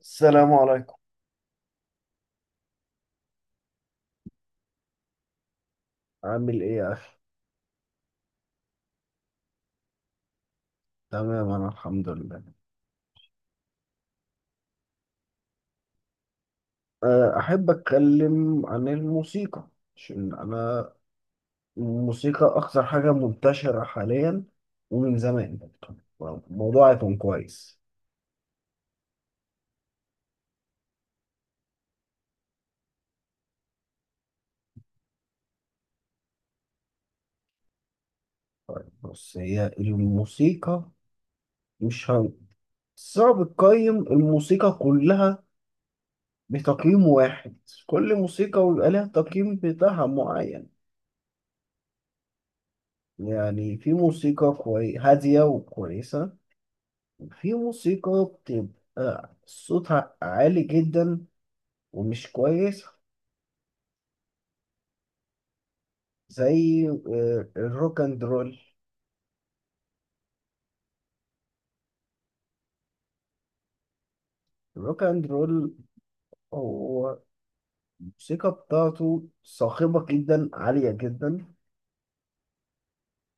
السلام عليكم. عامل ايه يا اخي؟ تمام، انا الحمد لله. احب اتكلم عن الموسيقى. عشان انا الموسيقى اكثر حاجة منتشرة حاليا ومن زمان برضه. الموضوع هيكون كويس. طيب، بص، هي الموسيقى مش هم... صعب تقيم الموسيقى كلها بتقييم واحد. كل موسيقى ويبقى لها تقييم بتاعها معين. يعني في موسيقى هادية وكويسة. في موسيقى بتبقى صوتها عالي جدا، ومش كويس. زي الروك اند رول. الروك اند رول، هو الموسيقى بتاعته صاخبة جدا، عالية جدا،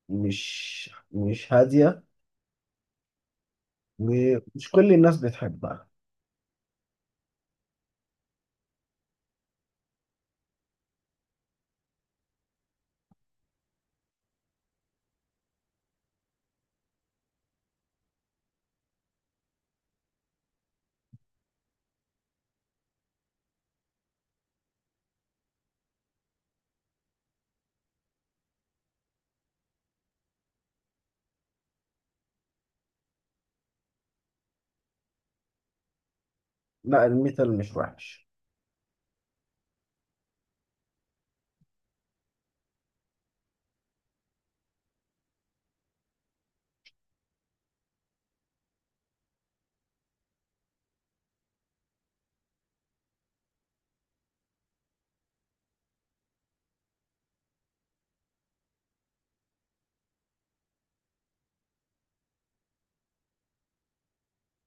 مش هادية، ومش كل الناس بتحبها. لا، الميتال مش وحش.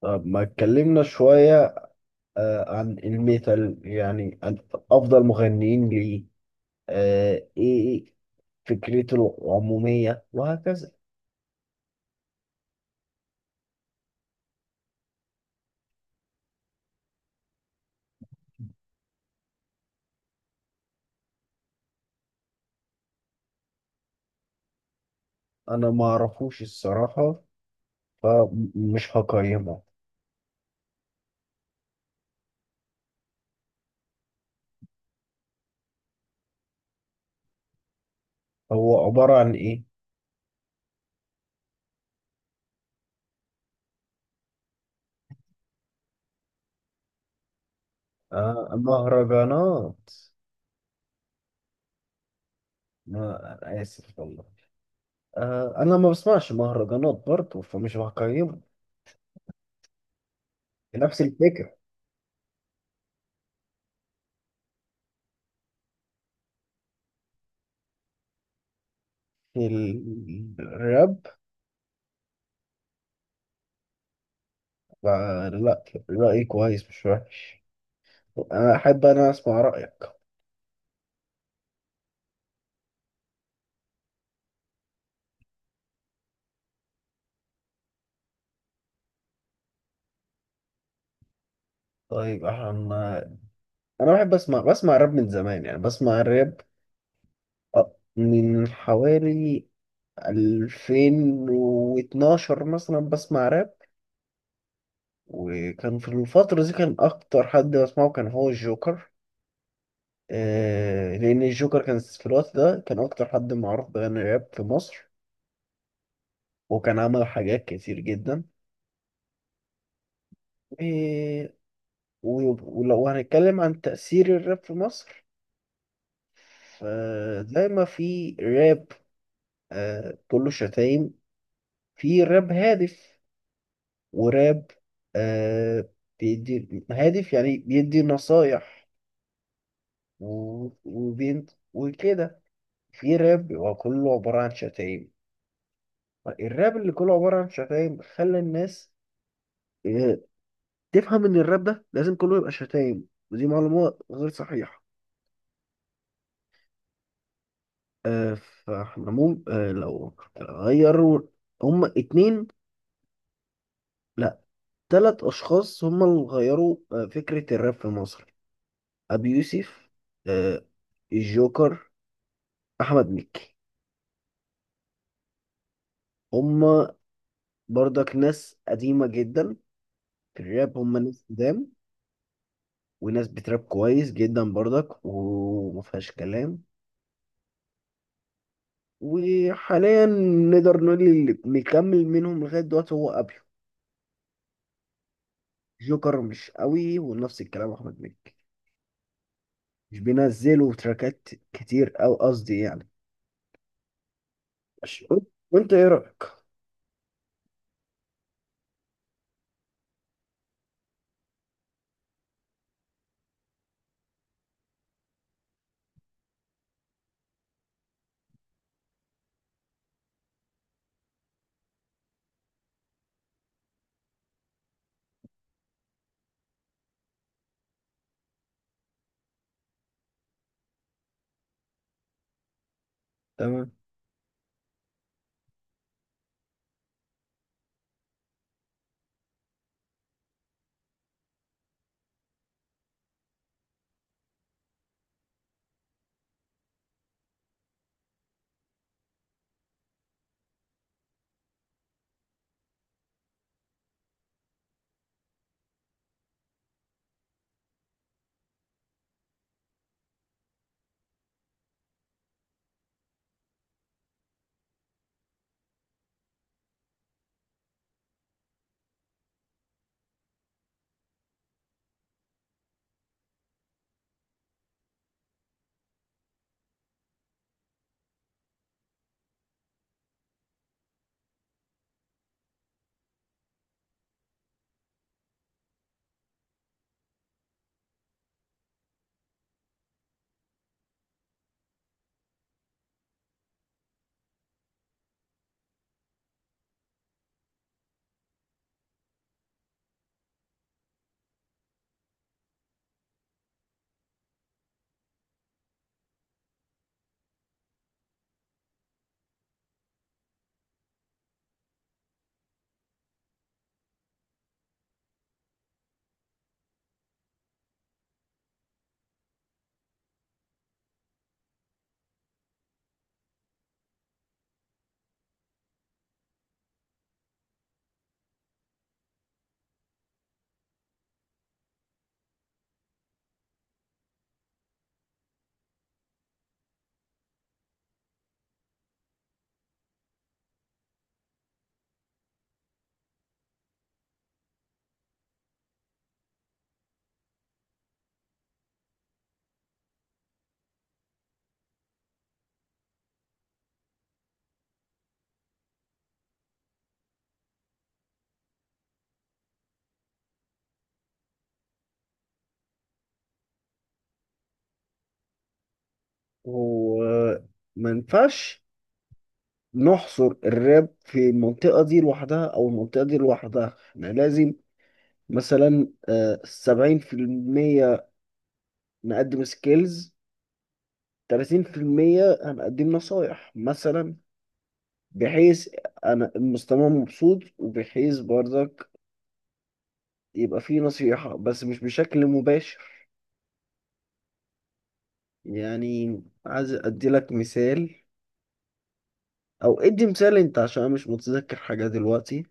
طب ما اتكلمنا شوية عن الميتال، يعني عن أفضل مغنيين ليه، إيه فكرته العمومية وهكذا. انا ما اعرفوش الصراحة، فمش هقيمه. هو عبارة عن ايه؟ آه، مهرجانات. ما أنا اسف والله، انا ما بسمعش مهرجانات برضه، فمش هقيمه، نفس الفكرة. الراب. آه، لا، رأيي كويس، مش وحش. انا اسمع رأيك. طيب، انا بحب بسمع راب من زمان. يعني بسمع الراب من حوالي 2012 مثلا بسمع راب. وكان في الفترة دي كان أكتر حد بسمعه كان هو الجوكر. لأن الجوكر كان في الوقت ده كان أكتر حد معروف بغنى راب في مصر، وكان عمل حاجات كتير جدا. آه ولو هنتكلم عن تأثير الراب في مصر، فزي ما في راب كله شتايم، في راب هادف، وراب آه بيدي هادف، يعني بيدي نصايح، وبين وكده. في راب بيبقى كله عبارة عن شتايم. الراب اللي كله عبارة عن شتايم خلى الناس آه، تفهم إن الراب ده لازم كله يبقى شتايم، ودي معلومة غير صحيحة. آه، فاحنا مو آه، لو غيروا. هما اتنين، لا، تلات أشخاص هما اللي غيروا فكرة الراب في مصر. أبي يوسف، آه، الجوكر، أحمد مكي. هما برضك ناس قديمة جدا في الراب، هما ناس قدام. وناس بتراب كويس جدا برضك، ومفيهاش كلام. وحاليا نقدر نقول اللي مكمل منهم لغاية دلوقتي هو أبيو. جوكر مش قوي، ونفس الكلام أحمد مكي، مش بينزلوا تراكات كتير، أو قصدي يعني ماشي. وأنت إيه رأيك؟ تمام. هو ما ينفعش نحصر الراب في المنطقة دي لوحدها أو المنطقة دي لوحدها، إحنا لازم مثلا 70% نقدم سكيلز، 30% انا اقدم نصايح مثلا. بحيث انا المستمع مبسوط، وبحيث برضك يبقى فيه نصيحة، بس مش بشكل مباشر. يعني عايز ادي لك مثال، او ادي مثال انت عشان انا مش متذكر حاجة دلوقتي.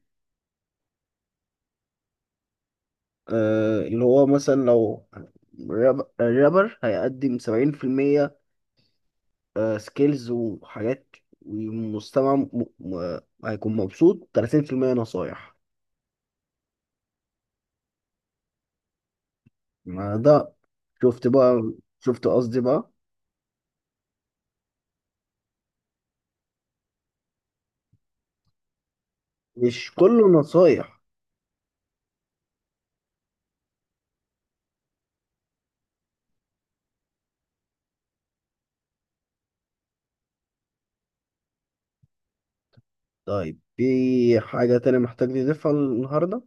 اللي هو مثلا لو الرابر هيقدم 70% سكيلز وحاجات، والمستمع هيكون مبسوط 30% نصايح. ما ده، شفت بقى؟ شفت قصدي بقى؟ مش كله نصايح. طيب، في حاجة تانية محتاج تضيفها النهاردة؟